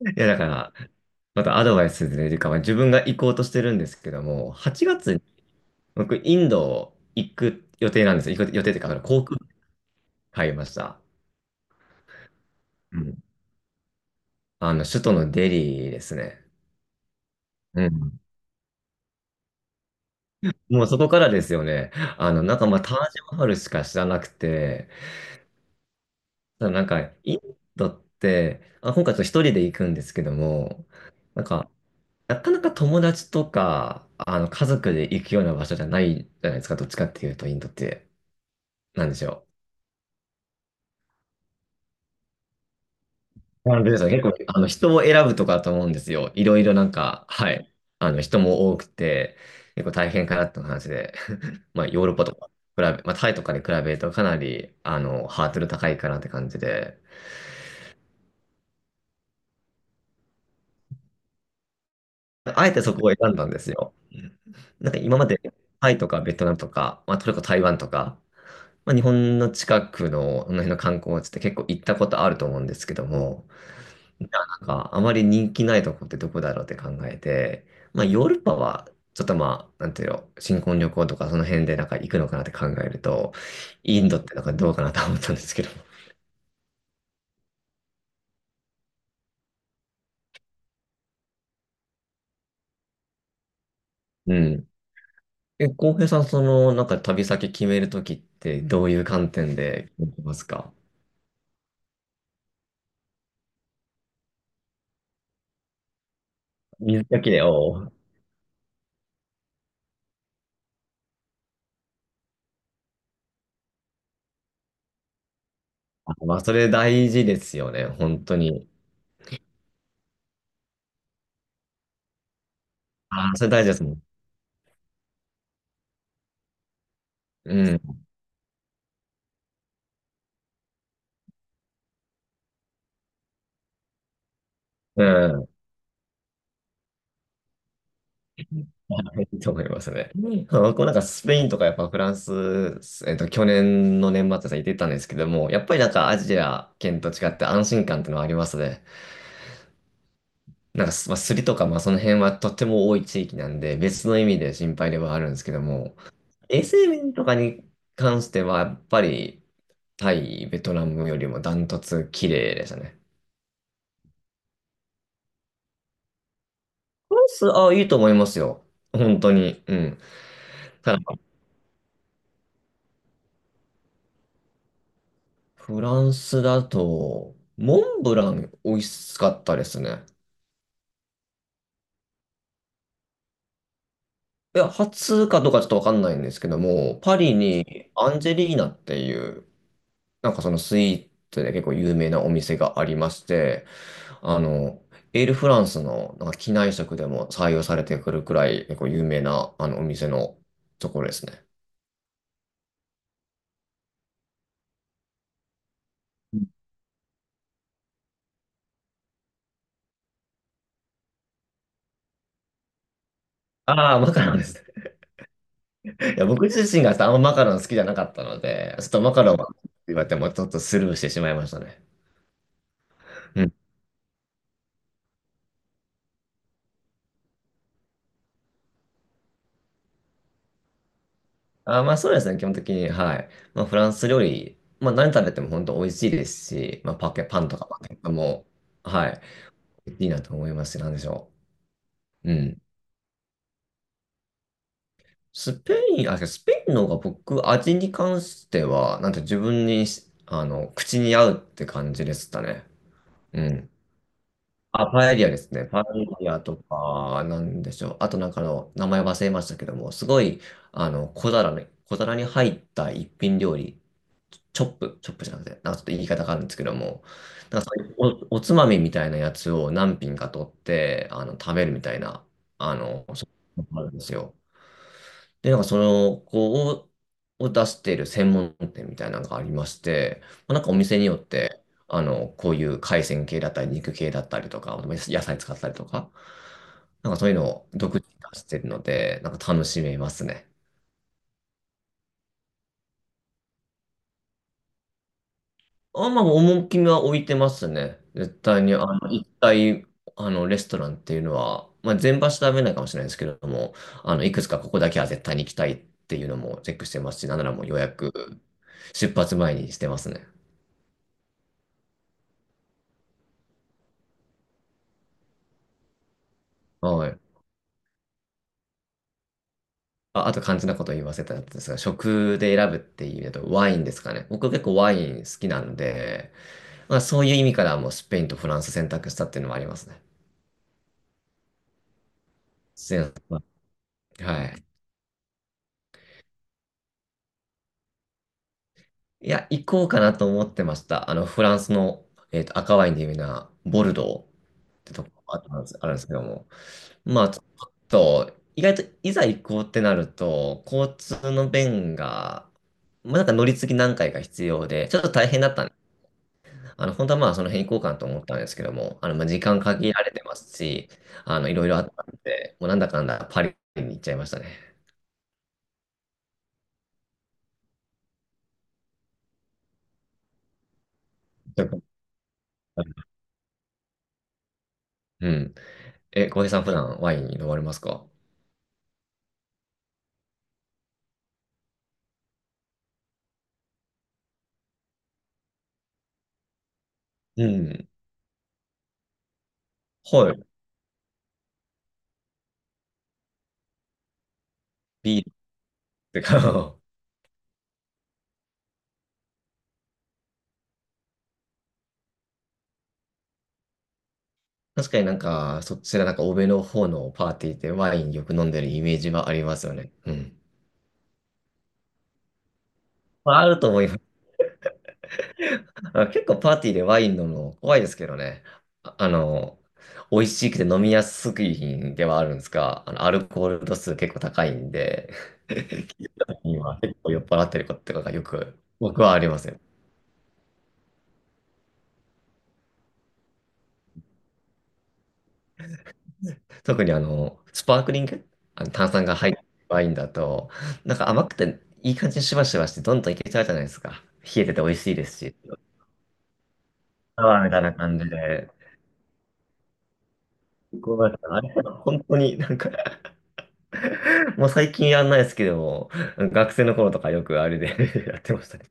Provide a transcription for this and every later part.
いや、だから、またアドバイスというか、まあ、自分が行こうとしてるんですけども、8月に僕、インド行く予定なんですよ。行く予定というか、あの航空券買いました。うん。首都のデリーですね。うん。もうそこからですよね。なんかまあ、タージマハルしか知らなくて、ただなんか、インドって、あ、今回ちょっと一人で行くんですけども、なんか、なかなか友達とか、家族で行くような場所じゃないじゃないですか、どっちかっていうと、インドって。なんでしょう。なので、そう結構、人を選ぶとかだと思うんですよ。いろいろなんか、はい。人も多くて、結構大変かなって話で、まあ、ヨーロッパとか、まあ、タイとかに比べるとかなり、ハードル高いかなって感じで、あえてそこを選んだんですよ。なんか今まで、タイとかベトナムとか、まあ、トルコ、台湾とか、まあ、日本の近くの、この辺の観光地って結構行ったことあると思うんですけども、なんか、あまり人気ないとこってどこだろうって考えて、まあ、ヨーロッパは、ちょっとまあ、なんていうの、新婚旅行とかその辺でなんか行くのかなって考えると、インドってなんかどうかなと思ったんですけど。うん。え、浩平さん、なんか旅先決めるときってどういう観点で決めてますか？水だけで、おう。あ、まあ、それ大事ですよね、本当に。あ、それ大事ですもん。うん。うん。はいいいと思いますね。うんあ僕もなんかスペインとかやっぱフランス、去年の年末さ、行ってたんですけども、やっぱりなんかアジア圏と違って安心感ってのはありますね。なんかす、まあ、スリとか、まあその辺はとっても多い地域なんで、別の意味で心配ではあるんですけども、衛生面とかに関しては、やっぱりタイ、ベトナムよりもダントツ綺麗でしたね。フランス、あ、いいと思いますよ。本当に。うん。フランスだと、モンブラン美味しかったですね。いや、初かどうかちょっとわかんないんですけども、パリにアンジェリーナっていう、なんかそのスイーツで結構有名なお店がありまして、あの、エールフランスのなんか機内食でも採用されてくるくらい結構有名なあのお店のところですね。ああ、マカロンですね。いや、僕自身があんまマカロン好きじゃなかったので、ちょっとマカロンは言われてもちょっとスルーしてしまいましたね。あ、まあそうですね、基本的に。はい。まあフランス料理、まあ何食べても本当美味しいですし、まあパンとかパケットも、はい、いいなと思いますし、なんでしょう。うん。スペイン、あ、スペインの方が僕、味に関しては、なんて自分にし、あの、口に合うって感じでしたね。うん。あ、パエリアですね。パエリアとか、なんでしょう。あとなんかの、名前忘れましたけども、すごい、小皿に入った一品料理。チョップ、チョップじゃなくて、なんかちょっと言い方があるんですけども、なんかそういうおつまみみたいなやつを何品か取って、食べるみたいな、そういうのがあるんですよ。で、なんかその、こう、をを出している専門店みたいなのがありまして、まあ、なんかお店によって、こういう海鮮系だったり、肉系だったりとか、野菜使ったりとか、なんかそういうのを独自に出してるので、なんか楽しめますね。あ、まあ、趣が置いてますね。絶対に、あの、一体、あの、レストランっていうのは、まあ、全場所食べないかもしれないですけれども、いくつかここだけは絶対に行きたいっていうのもチェックしてますし、なんならもう予約、出発前にしてますね。はい。あ、あと肝心なこと言わせたやつですが、食で選ぶっていうと、ワインですかね。僕結構ワイン好きなので、まあ、そういう意味からもうスペインとフランス選択したっていうのもありますね。すいませんはい。いや、行こうかなと思ってました。フランスの、赤ワインで有名なボルドーってとこがあったんです、あるんですけども。まあ、ちょっと、意外といざ行こうってなると、交通の便が、まあ、なんか乗り継ぎ何回か必要で、ちょっと大変だったんで、本当はまあ、その辺行こうかなと思ったんですけども、まあ、時間限られてますし、いろいろあったんで、もうなんだかんだパリに行っちゃいましたね。うん。え、浩平さん、普段ワイン飲まれますか？うん。はい。ビール てか、確かになんか、そちらなんか欧米の方のパーティーでワインよく飲んでるイメージはありますよね。うん。まあ、あると思います。あ結構パーティーでワイン飲むの怖いですけどね。あ、美味しくて飲みやすい品ではあるんですが、アルコール度数結構高いんで、今結構酔っ払ってることとかがよく僕はありますよ。特にスパークリング、炭酸が入ったワインだと、なんか甘くていい感じにしばしばしてどんどんいけちゃうじゃないですか。冷えてて美味しいですし。あーみたいな感じで。こうなんか、あれ、本当になんか もう最近やんないですけども、学生の頃とかよくあれで やってましたね。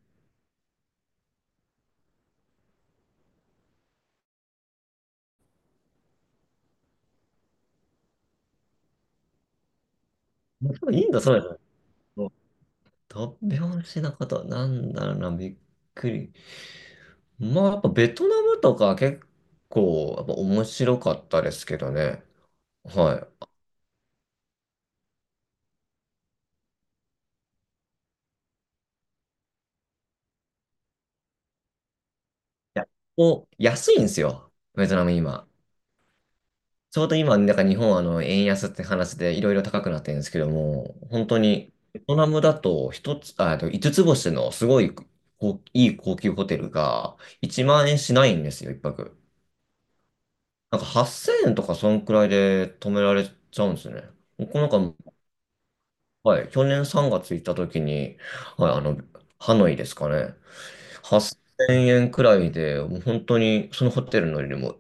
もう多んインドそうですね。突拍子なこと、なんだろうな、びっくり。まあ、やっぱベトナムとか結構、やっぱ面白かったですけどね。はい。お、安いんですよ。ベトナム今。ちょうど今、なんか日本は円安って話でいろいろ高くなってるんですけども、本当にベトナムだと一つ、あ、えっと5つつ星のすごいこいい高級ホテルが1万円しないんですよ、一泊。なんか8000円とかそんくらいで泊められちゃうんですね。僕なんか、はい、去年3月行った時に、はい、ハノイですかね。8000円くらいで、もう本当にそのホテルのよりも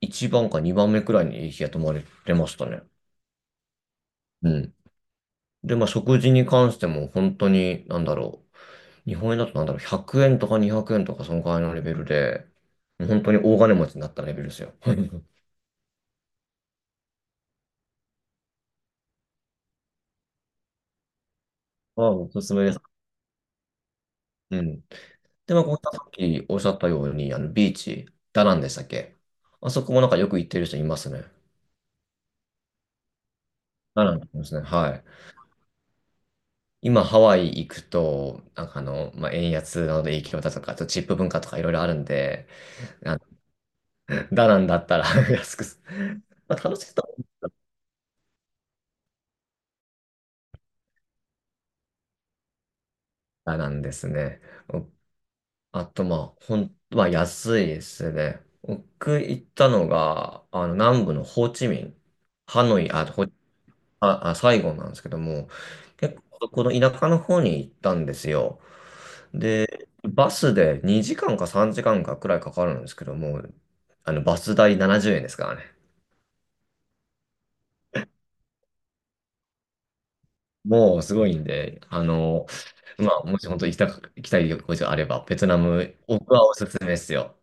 1番か2番目くらいにいい日が泊まれてましたね。うん。で、まあ、食事に関しても本当に、なんだろう。日本円だとなんだろう、100円とか200円とかそのくらいのレベルで、もう本当に大金持ちになったレベルですよ。まあ、おすすめです。うん。で、まあ、こうさっきおっしゃったように、ビーチ、ダナンでしたっけ？あそこもなんかよく行ってる人いますね。ダナンですね。はい。今、ハワイ行くと、なんかまあ、円安なので影響だとか、あとチップ文化とかいろいろあるんで、あダナンだったら 安くす、まあ、楽しいと思ったらダナンですね。あと、まあ、まあ、安いですね。僕行ったのが、南部のホーチミン、ハノイ、あ、ホ、あ、あ、サイゴンなんですけども、結構、この田舎の方に行ったんですよ。で、バスで2時間か3時間かんかくらいかかるんですけども、バス代70円ですからね。もうすごいんで、まあ、もし本当行きたい旅行地があれば、ベトナム、僕はおすすめですよ。